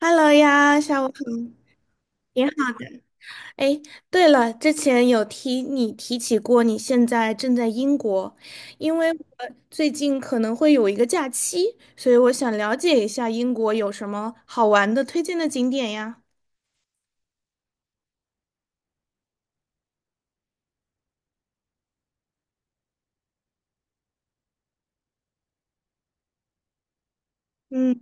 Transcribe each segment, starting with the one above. Hello 呀，下午好。你好，哎，对了，之前你提起过，你现在正在英国，因为我最近可能会有一个假期，所以我想了解一下英国有什么好玩的推荐的景点呀。嗯。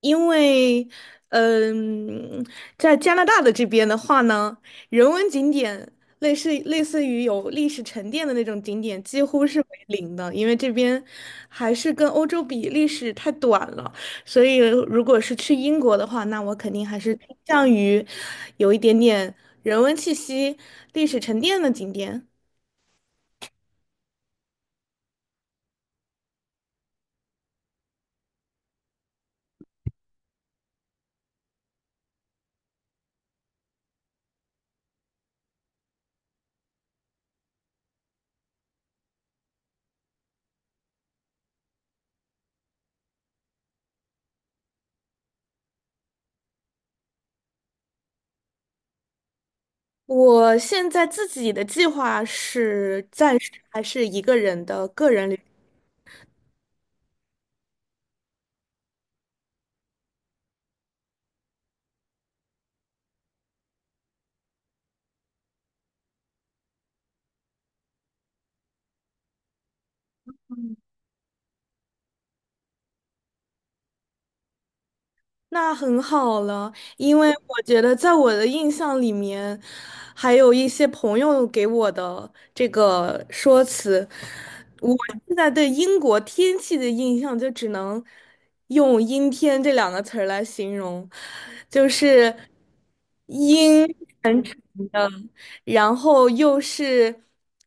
因为，嗯，在加拿大的这边的话呢，人文景点类似于有历史沉淀的那种景点，几乎是为零的，因为这边还是跟欧洲比，历史太短了。所以，如果是去英国的话，那我肯定还是倾向于有一点点人文气息、历史沉淀的景点。我现在自己的计划是暂时还是一个人的个人旅。那很好了，因为我觉得在我的印象里面，还有一些朋友给我的这个说辞，我现在对英国天气的印象就只能用“阴天”这两个词儿来形容，就是阴，然后又是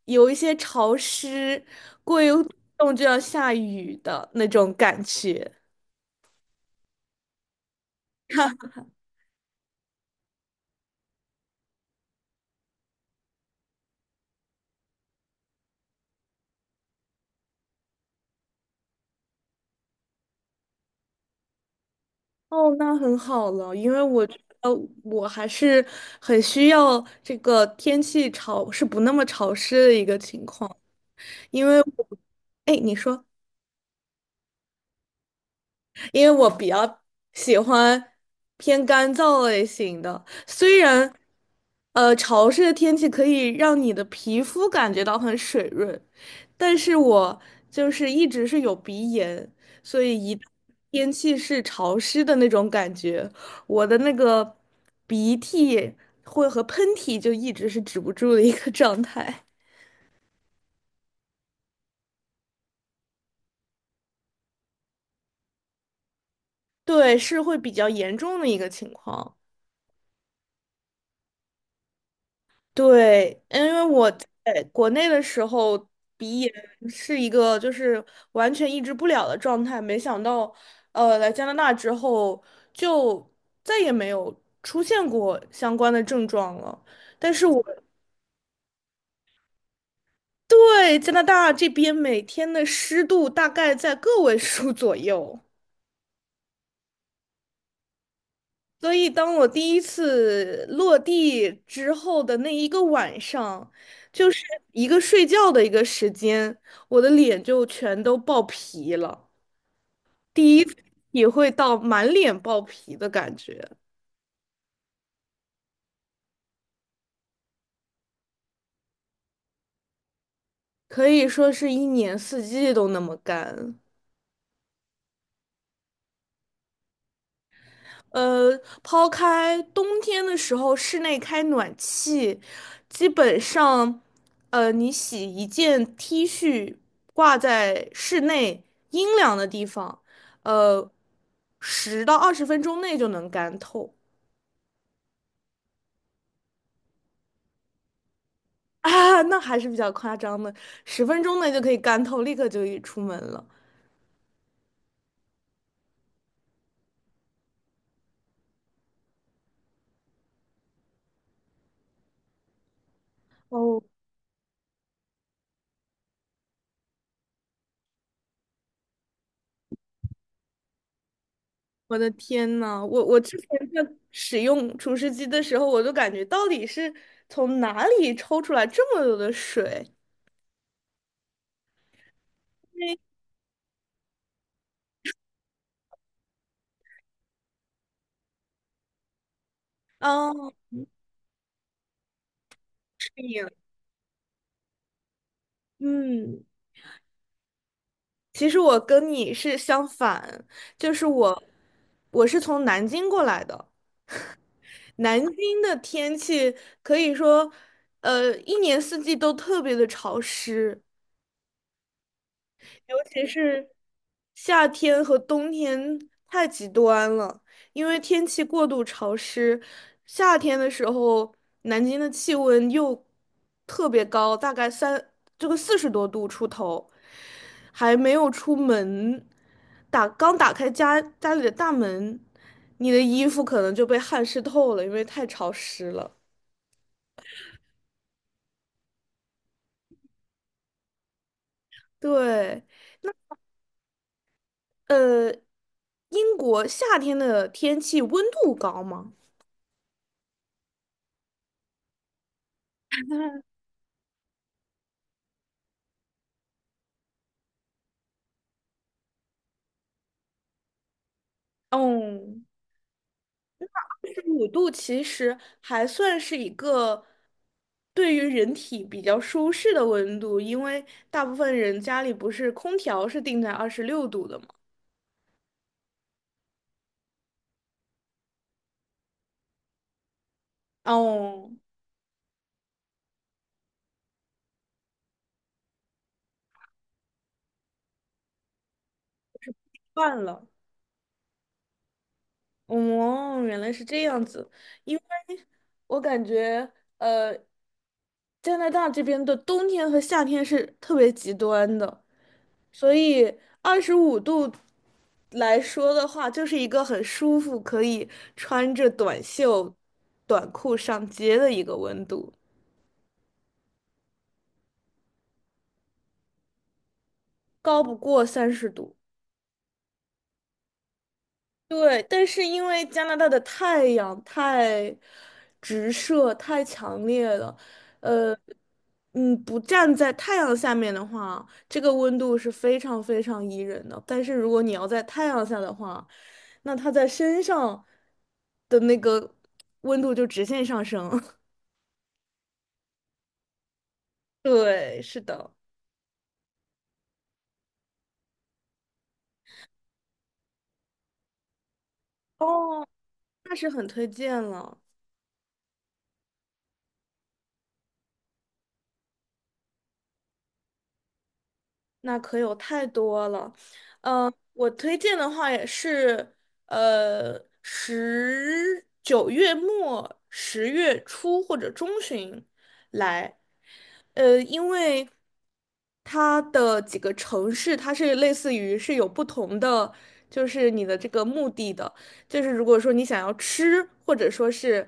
有一些潮湿，过一会儿动就要下雨的那种感觉。哦，那很好了，因为我觉得我还是很需要这个天气潮是不那么潮湿的一个情况，因为我，哎，你说。因为我比较喜欢偏干燥类型的，虽然潮湿的天气可以让你的皮肤感觉到很水润，但是我就是一直是有鼻炎，所以一旦天气是潮湿的那种感觉，我的那个鼻涕会和喷嚏就一直是止不住的一个 状态，对，是会比较严重的一个情况。对，因为我在国内的时候，鼻炎是一个就是完全抑制不了的状态，没想到，来加拿大之后就再也没有出现过相关的症状了。但是我对加拿大这边每天的湿度大概在个位数 左右。所以，当我第一次落地之后的那一个晚上，就是一个睡觉的一个时间，我的脸就全都爆皮了，也会到满脸爆皮的感觉，可以说是一年四季都那么干。呃，抛开冬天的时候室内开暖气，基本上，你洗一件 T 恤挂在室内阴凉的地方，呃，10到20分钟内就能干透 啊，那还是比较夸张的，十分钟内就可以干透，立刻就可以出门了。哦，我的天呐，我之前在使用除湿机的时候，我就感觉到底是从哪里抽出来这么多的水？为嗯，是你嗯其实我跟你是相反，就是我是从南京过来的。南京的天气可以说，一年四季都特别的潮湿，尤其是夏天和冬天太极端了，因为天气过度潮湿，夏天的时候南京的气温又特别高，大概这个40多度出头，还没有出门，刚打开家里的大门，你的衣服可能就被汗湿透了，因为太潮湿了。对，呃，英国夏天的天气温度高吗？嗯。五度其实还算是一个对于人体比较舒适的温度，因为大部分人家里不是空调是定在26度的嘛。哦，换了，哦，原来是这样子。因为我感觉，呃，加拿大这边的冬天和夏天是特别极端的。所以二十五度来说的话，就是一个很舒服，可以穿着短袖、短裤上街的一个温度，高不过30度。对，但是因为加拿大的太阳太直射、太强烈了，呃，不站在太阳下面的话，这个温度是非常非常宜人的。但是如果你要在太阳下的话，那它在身上的那个温度就直线上升。对，是的，哦，那是很推荐了。那可有太多了，我推荐的话也是，十9月末、10月初或者中旬来，因为它的几个城市，它是类似于是有不同的，就是你的这个目的的，就是如果说你想要吃，或者说是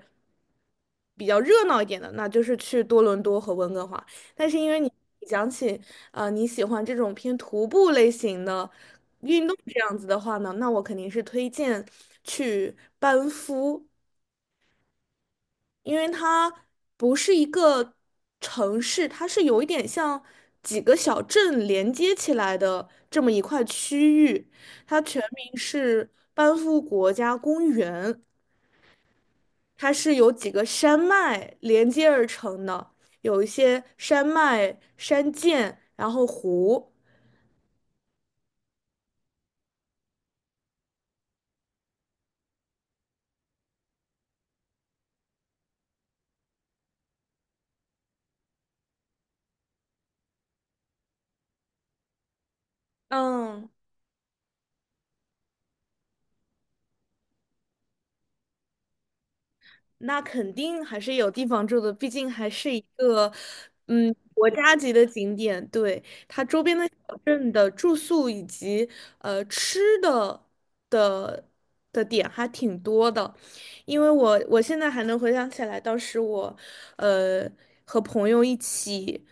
比较热闹一点的，那就是去多伦多和温哥华。但是因为你讲起，你喜欢这种偏徒步类型的运动这样子的话呢，那我肯定是推荐去班夫，因为它不是一个城市，它是有一点像几个小镇连接起来的这么一块区域，它全名是班夫国家公园，它是由几个山脉连接而成的。有一些山脉、山涧，然后湖。嗯，那肯定还是有地方住的，毕竟还是一个国家级的景点。对，镇的住宿以及吃的的点还挺多的，因为我现在还能回想起来，当时我呃和朋友一起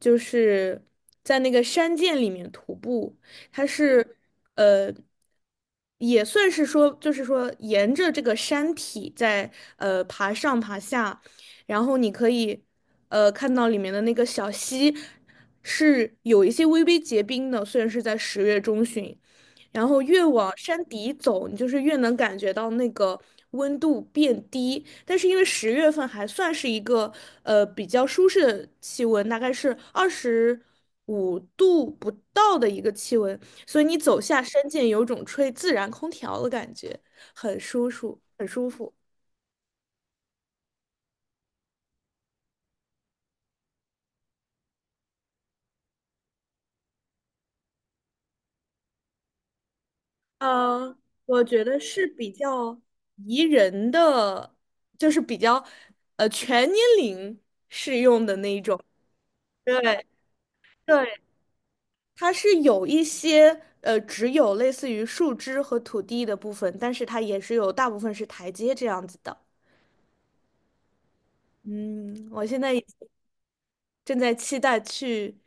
就是在那个山涧里面徒步，它是呃。也算是说，就是说，沿着这个山体在爬上爬下，然后你可以看到里面的那个小溪是有一些微微结冰的，虽然是在10月中旬，然后越往山底走，你就是越能感觉到那个温度变低。但是因为10月份还算是一个比较舒适的气温，大概是二十五度不到的一个气温，所以你走下山涧，有种吹自然空调的感觉，很舒服，很舒服。呃，我觉得是比较宜人的，就是比较全年龄适用的那一种。对对，它是有一些只有类似于树枝和土地的部分，但是它也是有大部分是台阶这样子的。嗯，我现在也正在期待去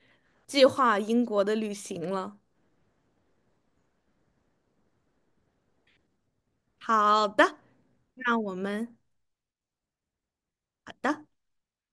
计划英国的旅行了。好的，那我们好的。